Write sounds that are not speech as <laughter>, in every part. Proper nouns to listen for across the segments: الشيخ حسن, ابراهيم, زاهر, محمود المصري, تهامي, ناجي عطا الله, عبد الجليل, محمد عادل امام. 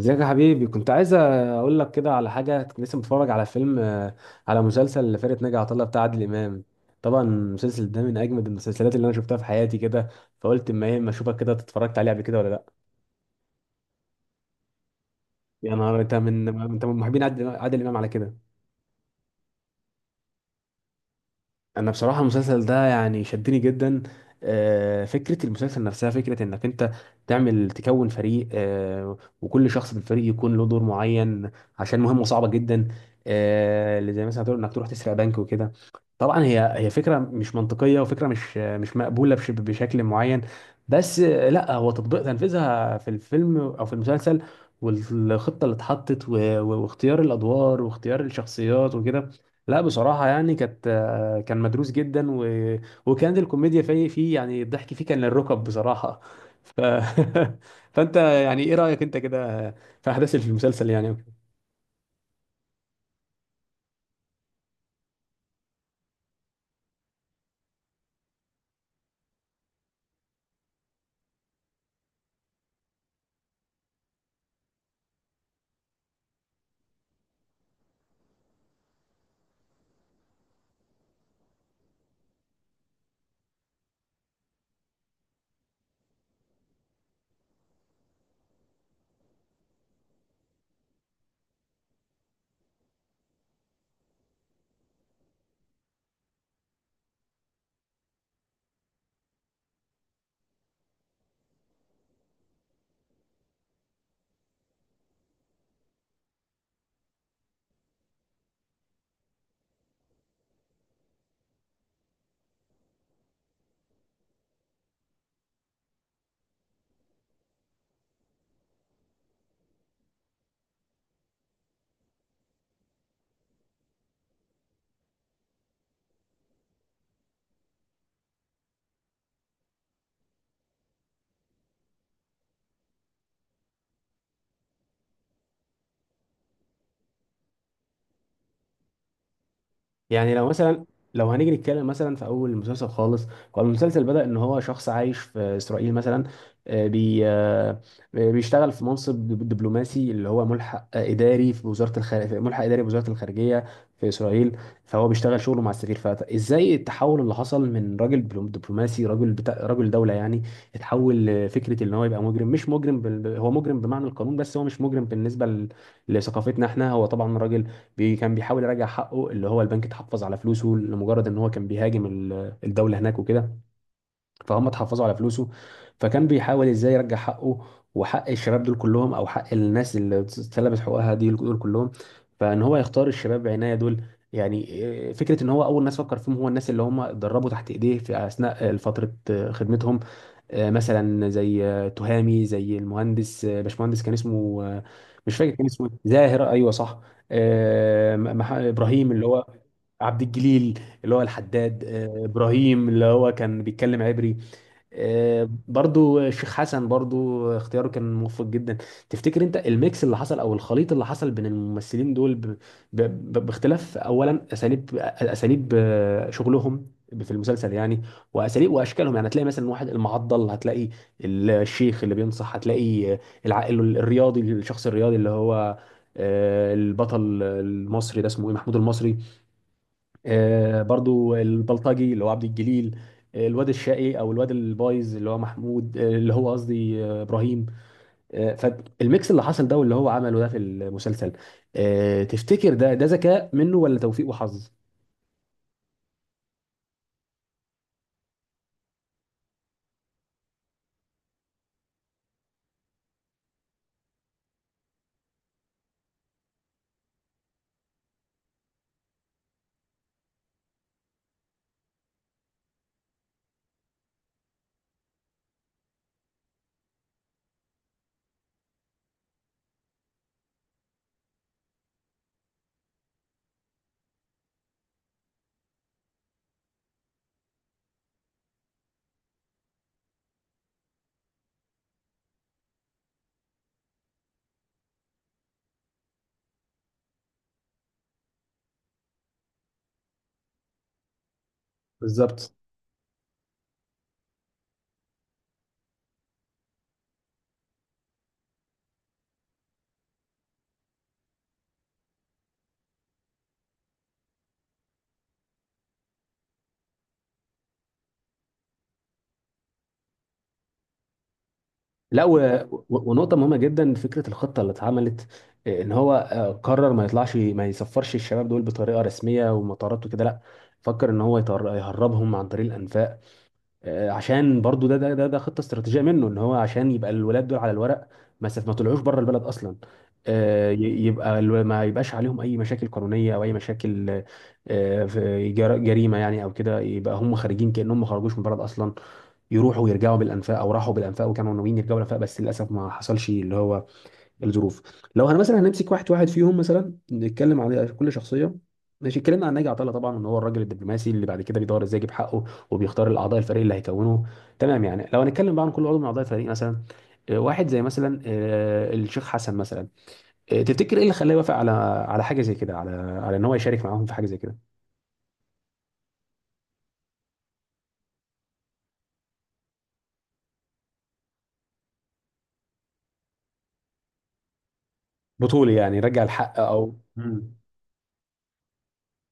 ازيك يا حبيبي، كنت عايز اقول لك كده على حاجه. كنت لسه متفرج على فيلم على مسلسل لفرقه ناجي عطا الله بتاع عادل امام. طبعا المسلسل ده من اجمد المسلسلات اللي انا شفتها في حياتي كده. فقلت اما ايه، اما اشوفك كده اتفرجت عليه قبل كده ولا لا. يا نهار انت، من محبين عادل امام على كده. انا بصراحه المسلسل ده يعني شدني جدا. فكره المسلسل نفسها فكره انك انت تكون فريق، وكل شخص في الفريق يكون له دور معين عشان مهمه صعبه جدا. اللي زي مثلا هتقول انك تروح تسرق بنك وكده. طبعا هي فكره مش منطقيه، وفكره مش مقبوله بشكل معين. بس لا، هو تطبيق تنفيذها في الفيلم او في المسلسل والخطه اللي اتحطت واختيار الادوار واختيار الشخصيات وكده، لا بصراحه يعني كان مدروس جدا وكانت الكوميديا فيه، يعني الضحك فيه كان للركب بصراحه. ف... <laughs> فانت يعني ايه رايك انت كده في احداث المسلسل يعني؟ يعني لو مثلا، لو هنيجي نتكلم مثلا في اول المسلسل خالص، هو المسلسل بدأ ان هو شخص عايش في اسرائيل مثلا، آه، بي آه، آه، بيشتغل في منصب دبلوماسي، اللي هو ملحق اداري في وزارة الخارجية، ملحق اداري في وزارة الخارجية في اسرائيل. فهو بيشتغل شغله مع السرير، فازاي التحول اللي حصل من راجل دبلوماسي، راجل راجل دولة يعني، اتحول لفكرة ان هو يبقى مجرم. مش مجرم بال... هو مجرم بمعنى القانون، بس هو مش مجرم بالنسبة لثقافتنا احنا. هو طبعا راجل كان بيحاول يراجع حقه، اللي هو البنك اتحفظ على فلوسه لمجرد ان هو كان بيهاجم الدولة هناك وكده، فهم اتحفظوا على فلوسه. فكان بيحاول ازاي يرجع حقه وحق الشباب دول كلهم، او حق الناس اللي اتسلبت حقوقها دي دول كلهم. فان هو يختار الشباب بعناية دول، يعني فكرة ان هو اول ناس فكر فيهم هو الناس اللي هم اتدربوا تحت ايديه في اثناء فترة خدمتهم. مثلا زي تهامي، زي المهندس باشمهندس، كان اسمه مش فاكر كان اسمه إيه. زاهر، ايوه صح. ابراهيم اللي هو عبد الجليل، اللي هو الحداد. ابراهيم اللي هو كان بيتكلم عبري. برضو الشيخ حسن برضو اختياره كان موفق جدا. تفتكر انت الميكس اللي حصل او الخليط اللي حصل بين الممثلين دول باختلاف اولا اساليب شغلهم في المسلسل يعني، واساليب واشكالهم؟ يعني هتلاقي مثلا واحد المعضل، هتلاقي الشيخ اللي بينصح، هتلاقي العائل الرياضي، الشخص الرياضي اللي هو البطل المصري، ده اسمه ايه، محمود المصري. برضو البلطجي اللي هو عبد الجليل. الواد الشقي او الواد البايظ اللي هو محمود آه، اللي هو قصدي آه، ابراهيم. فالميكس اللي حصل ده واللي هو عمله ده في المسلسل، تفتكر ده ذكاء منه ولا توفيق وحظ؟ بالظبط. لا ونقطة مهمة جدا، فكرة الخطة اللي اتعملت، ان هو قرر ما يطلعش ما يسفرش الشباب دول بطريقة رسمية ومطارات وكده، لا، فكر ان هو يهربهم عن طريق الانفاق. عشان برضو ده خطه استراتيجيه منه، ان هو عشان يبقى الولاد دول على الورق ما طلعوش بره البلد اصلا. يبقى ما يبقاش عليهم اي مشاكل قانونيه او اي مشاكل في جريمه يعني او كده، يبقى هم خارجين كانهم ما خرجوش من البلد اصلا. يروحوا ويرجعوا بالانفاق، او راحوا بالانفاق وكانوا ناويين يرجعوا بالانفاق، بس للاسف ما حصلش اللي هو الظروف. لو هن مثلا هنمسك واحد واحد فيهم مثلا نتكلم على كل شخصيه، ماشي. اتكلمنا عن ناجي عطا الله، طبعا ان هو الراجل الدبلوماسي اللي بعد كده بيدور ازاي يجيب حقه، وبيختار الاعضاء الفريق اللي هيكونه. تمام، يعني لو هنتكلم بقى عن كل عضو من اعضاء الفريق مثلا، واحد زي مثلا الشيخ حسن مثلا، تفتكر ايه اللي خلاه يوافق على على حاجه زي كده، على على ان هو يشارك معاهم في حاجه زي كده؟ بطوله يعني، يرجع الحق او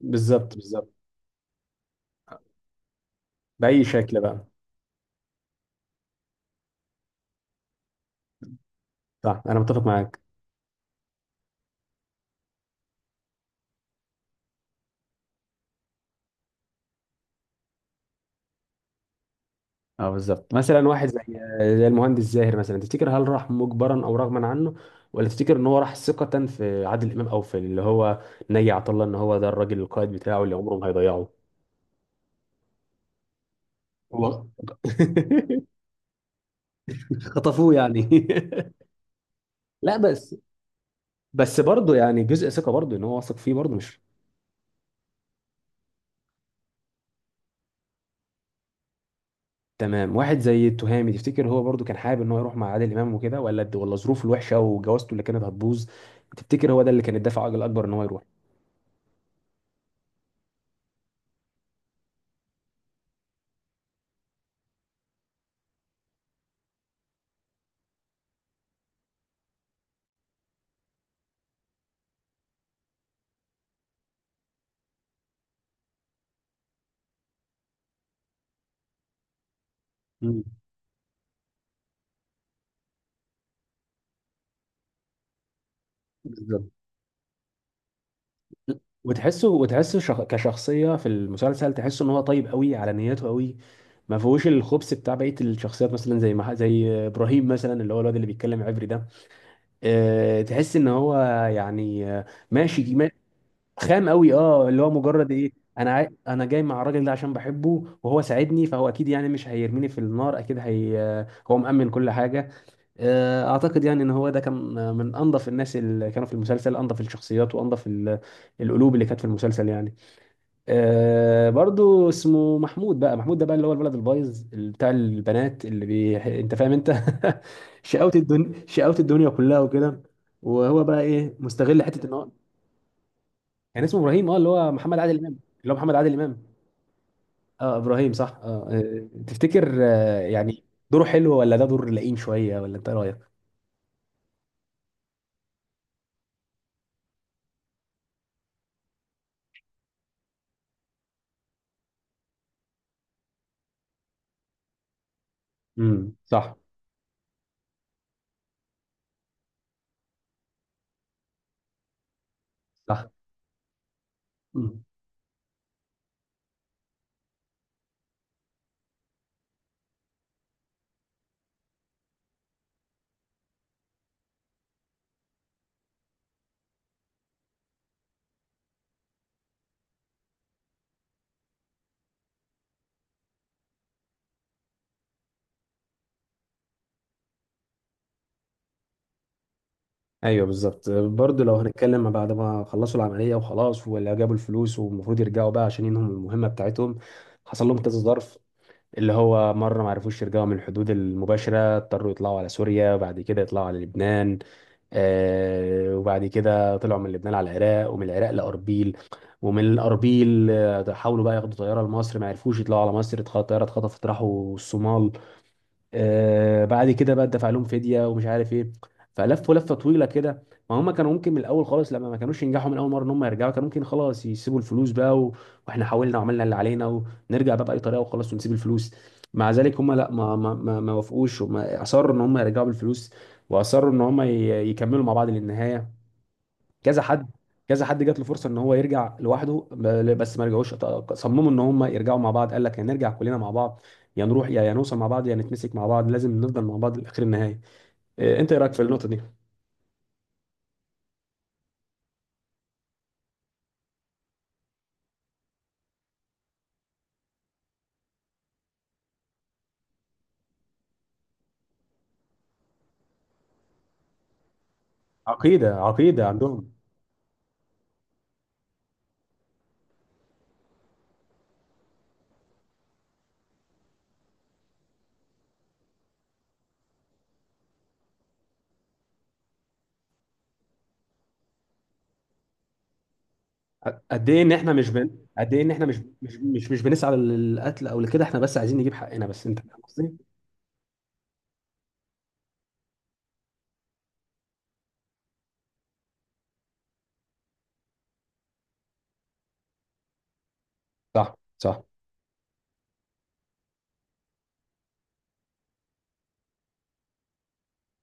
بالظبط، بالظبط. باي شكل بقى. صح، انا متفق معاك. اه بالظبط. مثلا واحد زي زي المهندس زاهر مثلا، تفتكر هل راح مجبرا او رغما عنه، ولا تفتكر ان هو راح ثقة في عادل امام، او في اللي هو نجي عطا الله، ان هو ده الراجل القائد بتاعه اللي عمره ما هيضيعه؟ هو. <laughs> خطفوه يعني. <laughs> لا بس، بس برضه يعني جزء ثقة برضه، ان هو واثق فيه برضه مش. تمام. واحد زي التهامي، تفتكر هو برضه كان حابب ان هو يروح مع عادل امام وكده، ولا ولا ظروفه الوحشة وجوازته اللي كانت هتبوظ، تفتكر هو ده اللي كان الدافع الاكبر ان هو يروح؟ مم. بالظبط. كشخصية في المسلسل، تحسه ان هو طيب قوي، على نيته قوي، ما فيهوش الخبث بتاع بقية الشخصيات، مثلا زي ما زي ابراهيم مثلا، اللي هو الواد اللي بيتكلم عبري ده. تحس ان هو يعني، آه، ماشي ما... خام قوي، اه، اللي هو مجرد ايه، انا جاي مع الراجل ده عشان بحبه وهو ساعدني، فهو اكيد يعني مش هيرميني في النار اكيد. هي... آه، هو مأمن كل حاجة. اعتقد يعني ان هو ده كان من انظف الناس اللي كانوا في المسلسل، انظف الشخصيات وانظف القلوب اللي كانت في المسلسل يعني. برضو اسمه محمود بقى. محمود ده بقى اللي هو الولد البايظ، اللي بتاع البنات، انت فاهم انت. <laughs> شقاوة الدنيا، شقاوة الدنيا كلها وكده. وهو بقى ايه، مستغل حتة ان هو كان اسمه ابراهيم، اه، اللي هو محمد عادل امام، اللي هو محمد عادل امام. اه ابراهيم صح. اه تفتكر، يعني دوره حلو ولا ده دور لئيم شوية، ولا انت إيه رايك؟ امم، صح. صح، ايوه بالظبط. برضه لو هنتكلم بعد ما خلصوا العمليه وخلاص، ولا جابوا الفلوس والمفروض يرجعوا بقى عشان ينهوا المهمه بتاعتهم، حصل لهم كذا ظرف. اللي هو مره ما عرفوش يرجعوا من الحدود المباشره، اضطروا يطلعوا على سوريا، وبعد كده يطلعوا على لبنان، آه وبعد كده طلعوا من لبنان على العراق، ومن العراق لأربيل، ومن الأربيل حاولوا بقى ياخدوا طيارة لمصر، ما عرفوش يطلعوا على مصر، الطيارة اتخطفت، راحوا الصومال، آه بعد كده بقى دفع لهم فديه ومش عارف ايه. فلفوا لفه طويله كده. ما هم كانوا ممكن من الاول خالص، لما ما كانوش ينجحوا من اول مره ان هم يرجعوا، كانوا ممكن خلاص يسيبوا الفلوس بقى واحنا حاولنا وعملنا اللي علينا، ونرجع بقى باي طريقه وخلاص، ونسيب الفلوس. مع ذلك هم لا، ما وافقوش، هم اصروا ان هم يرجعوا بالفلوس، واصروا ان هم يكملوا مع بعض للنهايه. كذا حد كذا حد جات له فرصه ان هو يرجع لوحده بس ما رجعوش. صمموا ان هم يرجعوا مع بعض. قال لك يا نرجع كلنا مع بعض، يا نروح، يا نوصل مع بعض، يا نتمسك مع بعض، لازم نفضل مع بعض لاخر النهايه. انت ايه رايك في النقطه دي؟ عقيده، عقيده عندهم. قد ايه ان احنا مش بن... قد ايه ان احنا مش بنسعى للقتل او لكده، احنا بس عايزين نجيب حقنا بس، انت فاهم قصدي. صح، صح.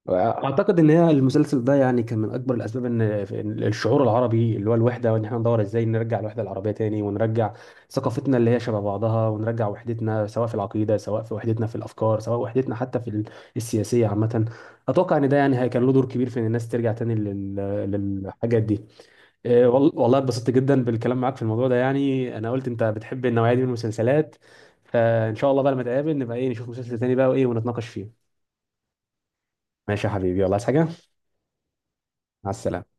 اعتقد ان هي المسلسل ده يعني كان من اكبر الاسباب ان إن الشعور العربي اللي هو الوحده، وان احنا ندور ازاي نرجع الوحده العربيه تاني، ونرجع ثقافتنا اللي هي شبه بعضها، ونرجع وحدتنا سواء في العقيده، سواء في وحدتنا في الافكار، سواء وحدتنا حتى في السياسيه عامه. اتوقع ان ده يعني كان له دور كبير في ان الناس ترجع تاني للحاجات دي. إيه، وال- والله اتبسطت جدا بالكلام معاك في الموضوع ده، يعني انا قلت انت بتحب النوعيه دي من المسلسلات. فان شاء الله بقى لما نتقابل نبقى ايه، نشوف مسلسل تاني بقى وايه، ونتناقش فيه. ماشي يا حبيبي، يلا، عايز حاجه؟ مع السلامه.